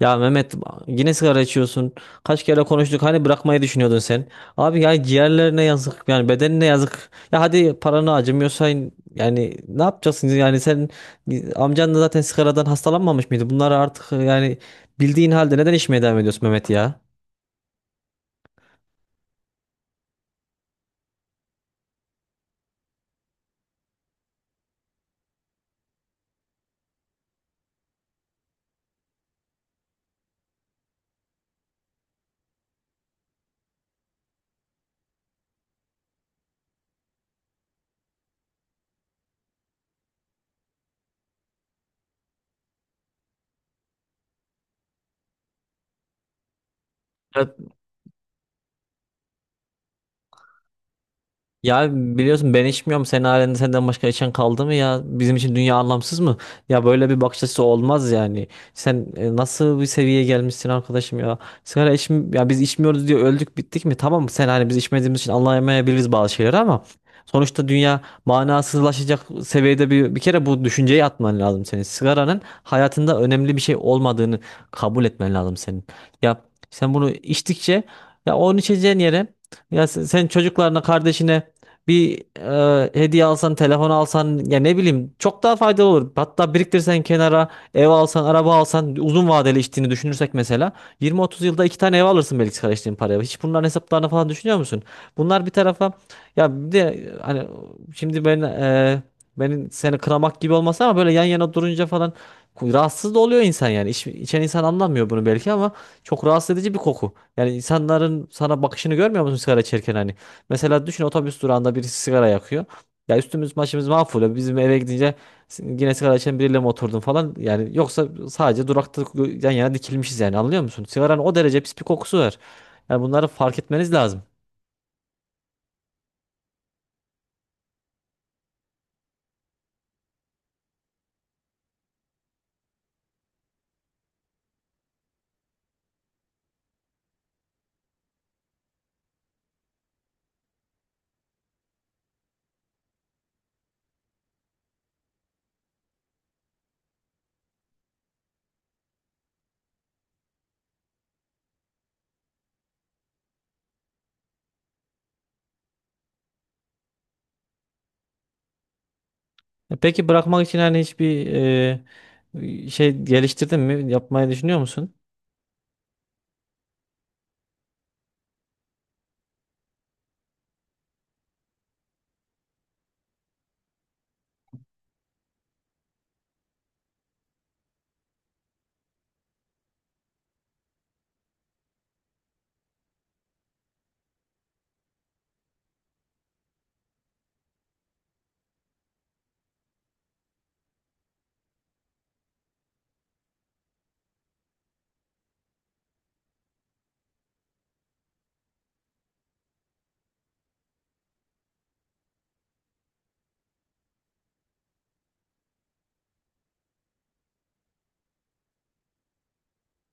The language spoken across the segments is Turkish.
Ya Mehmet yine sigara içiyorsun. Kaç kere konuştuk hani bırakmayı düşünüyordun sen. Abi yani ciğerlerine yazık yani bedenine yazık. Ya hadi paranı acımıyorsa yani ne yapacaksın yani sen amcan da zaten sigaradan hastalanmamış mıydı? Bunları artık yani bildiğin halde neden içmeye devam ediyorsun Mehmet ya? Ya Ya biliyorsun ben içmiyorum. Senin halinde senden başka içen kaldı mı ya? Bizim için dünya anlamsız mı? Ya böyle bir bakış açısı olmaz yani. Sen nasıl bir seviyeye gelmişsin arkadaşım ya? Sigara içm ya biz içmiyoruz diye öldük bittik mi? Tamam sen hani biz içmediğimiz için anlayamayabiliriz bazı şeyleri ama sonuçta dünya manasızlaşacak seviyede bir kere bu düşünceyi atman lazım senin. Sigaranın hayatında önemli bir şey olmadığını kabul etmen lazım senin. Ya sen bunu içtikçe ya onu içeceğin yere ya sen çocuklarına, kardeşine bir hediye alsan, telefon alsan ya ne bileyim çok daha faydalı olur. Hatta biriktirsen kenara, ev alsan, araba alsan uzun vadeli içtiğini düşünürsek mesela 20-30 yılda iki tane ev alırsın belki karıştığın paraya. Hiç bunların hesaplarını falan düşünüyor musun? Bunlar bir tarafa ya bir de hani şimdi benim seni kınamak gibi olmasa ama böyle yan yana durunca falan rahatsız da oluyor insan yani. İç, içen insan anlamıyor bunu belki ama çok rahatsız edici bir koku. Yani insanların sana bakışını görmüyor musun sigara içerken hani? Mesela düşün otobüs durağında birisi sigara yakıyor. Ya üstümüz başımız mahvoluyor. Bizim eve gidince yine sigara içen biriyle mi oturdun falan. Yani yoksa sadece durakta yan yana dikilmişiz yani anlıyor musun? Sigaranın o derece pis bir kokusu var. Yani bunları fark etmeniz lazım. Peki bırakmak için hani hiçbir şey geliştirdin mi? Yapmayı düşünüyor musun?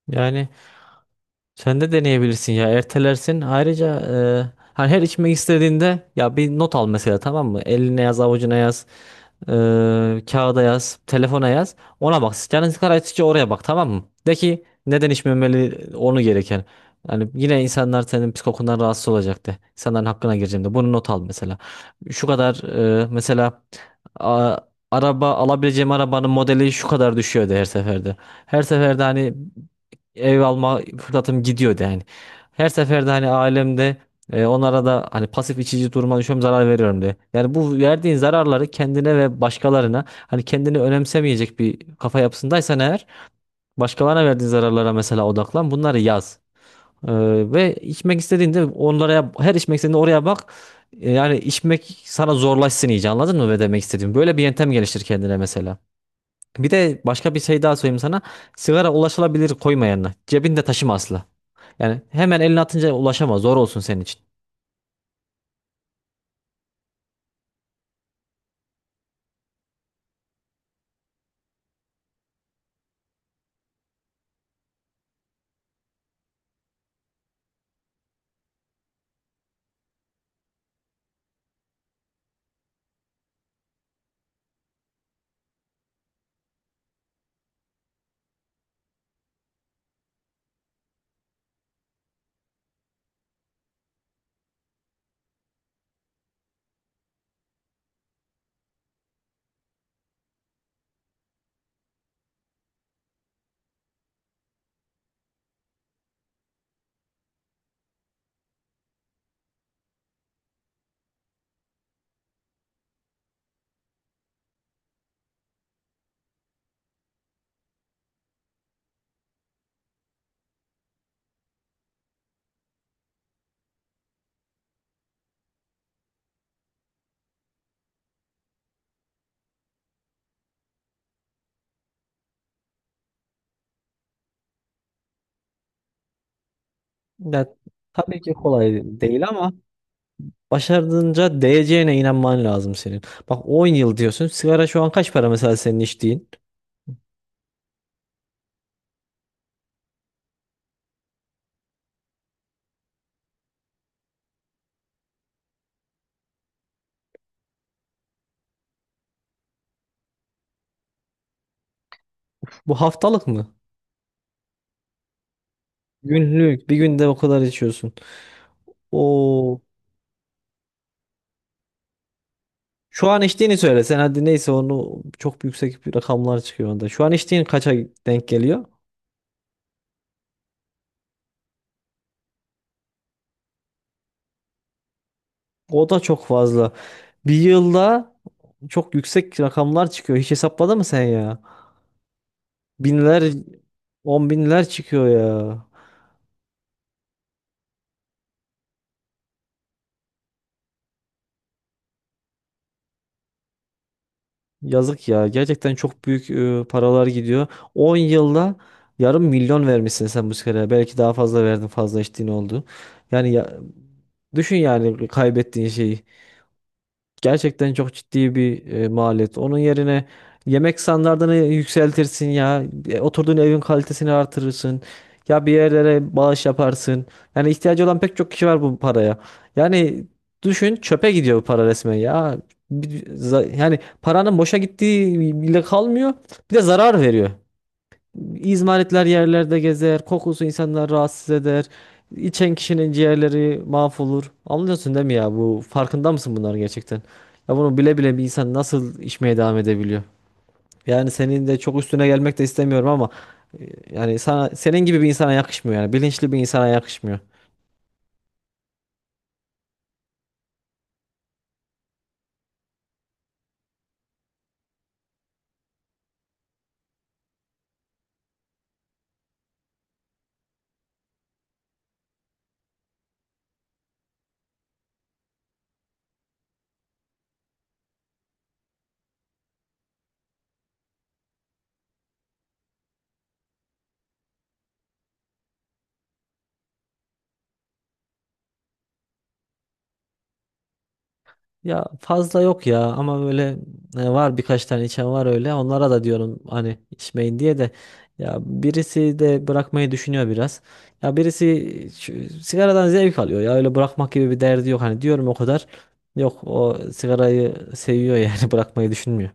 Yani sen de deneyebilirsin ya ertelersin. Ayrıca e, hani her içmek istediğinde ya bir not al mesela tamam mı? Eline yaz, avucuna yaz, e, kağıda yaz, telefona yaz. Ona bak. Canın sıkıldıkça oraya bak tamam mı? De ki neden içmemeli onu gereken. Yani yine insanlar senin psikokundan rahatsız olacak de. İnsanların hakkına gireceğim de. Bunu not al mesela. Şu kadar mesela a- araba alabileceğim arabanın modeli şu kadar düşüyordu her seferde. Her seferde hani ev alma fırsatım gidiyordu yani. Her seferde hani ailemde onlara da hani pasif içici duruma düşüyorum zarar veriyorum diye. Yani bu verdiğin zararları kendine ve başkalarına hani kendini önemsemeyecek bir kafa yapısındaysan eğer başkalarına verdiğin zararlara mesela odaklan bunları yaz. E, ve içmek istediğinde onlara her içmek istediğinde oraya bak. Yani içmek sana zorlaşsın iyice anladın mı ne demek istediğim? Böyle bir yöntem geliştir kendine mesela. Bir de başka bir şey daha söyleyeyim sana. Sigara ulaşılabilir koyma yanına. Cebinde taşıma asla. Yani hemen eline atınca ulaşamaz. Zor olsun senin için. Ya, tabii ki kolay değil ama başardığınca değeceğine inanman lazım senin. Bak 10 yıl diyorsun. Sigara şu an kaç para mesela senin içtiğin? Bu haftalık mı? Günlük. Bir günde o kadar içiyorsun. O Şu an içtiğini söyle. Sen hadi neyse onu çok yüksek bir rakamlar çıkıyor onda. Şu an içtiğin kaça denk geliyor? O da çok fazla. Bir yılda çok yüksek rakamlar çıkıyor. Hiç hesapladın mı sen ya? Binler, on binler çıkıyor ya. Yazık ya. Gerçekten çok büyük paralar gidiyor. 10 yılda yarım milyon vermişsin sen bu muskeraya. Belki daha fazla verdin, fazla içtiğin oldu. Yani ya, düşün yani kaybettiğin şeyi. Gerçekten çok ciddi bir maliyet. Onun yerine yemek standartını yükseltirsin ya. Oturduğun evin kalitesini artırırsın. Ya bir yerlere bağış yaparsın. Yani ihtiyacı olan pek çok kişi var bu paraya. Yani düşün çöpe gidiyor bu para resmen ya. Yani paranın boşa gittiği bile kalmıyor. Bir de zarar veriyor. İzmaritler yerlerde gezer, kokusu insanları rahatsız eder. İçen kişinin ciğerleri mahvolur. Anlıyorsun değil mi ya? Bu farkında mısın bunların gerçekten? Ya bunu bile bile bir insan nasıl içmeye devam edebiliyor? Yani senin de çok üstüne gelmek de istemiyorum ama yani sana senin gibi bir insana yakışmıyor yani bilinçli bir insana yakışmıyor. Ya fazla yok ya ama böyle var birkaç tane içen var öyle. Onlara da diyorum hani içmeyin diye de ya birisi de bırakmayı düşünüyor biraz. Ya birisi sigaradan zevk alıyor ya öyle bırakmak gibi bir derdi yok hani diyorum o kadar. Yok o sigarayı seviyor yani bırakmayı düşünmüyor.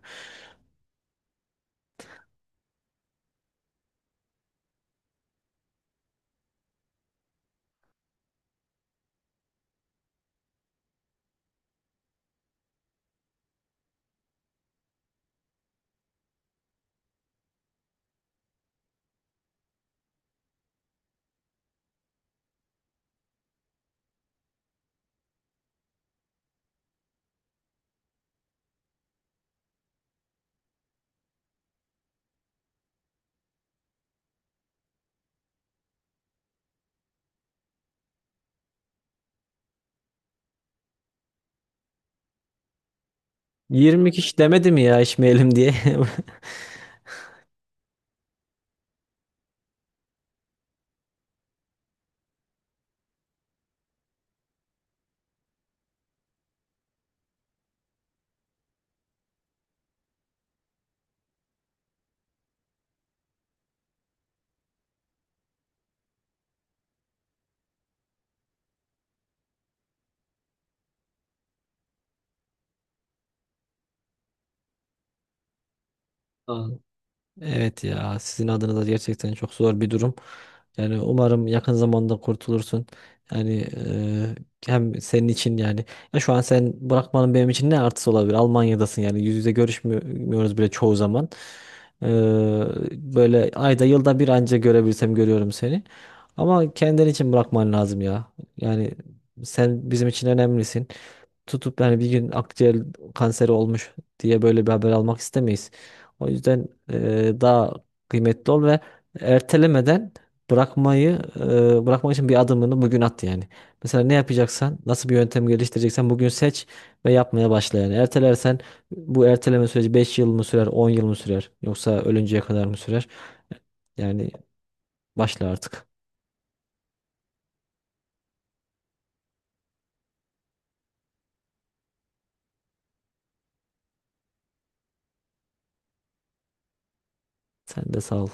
20 kişi demedi mi ya içmeyelim diye. Aa. Evet ya sizin adınıza gerçekten çok zor bir durum. Yani umarım yakın zamanda kurtulursun. Yani hem senin için yani ya şu an sen bırakmanın benim için ne artısı olabilir? Almanya'dasın yani yüz yüze görüşmüyoruz bile çoğu zaman. Eee, Böyle ayda yılda bir anca görebilsem görüyorum seni. Ama kendin için bırakman lazım ya. Yani sen bizim için önemlisin. Tutup yani bir gün akciğer kanseri olmuş diye böyle bir haber almak istemeyiz. O yüzden daha kıymetli ol ve ertelemeden bırakmak için bir adımını bugün at yani. Mesela ne yapacaksan, nasıl bir yöntem geliştireceksen bugün seç ve yapmaya başla yani. Ertelersen bu erteleme süreci 5 yıl mı sürer, 10 yıl mı sürer yoksa ölünceye kadar mı sürer? Yani başla artık. Sen de sağ ol.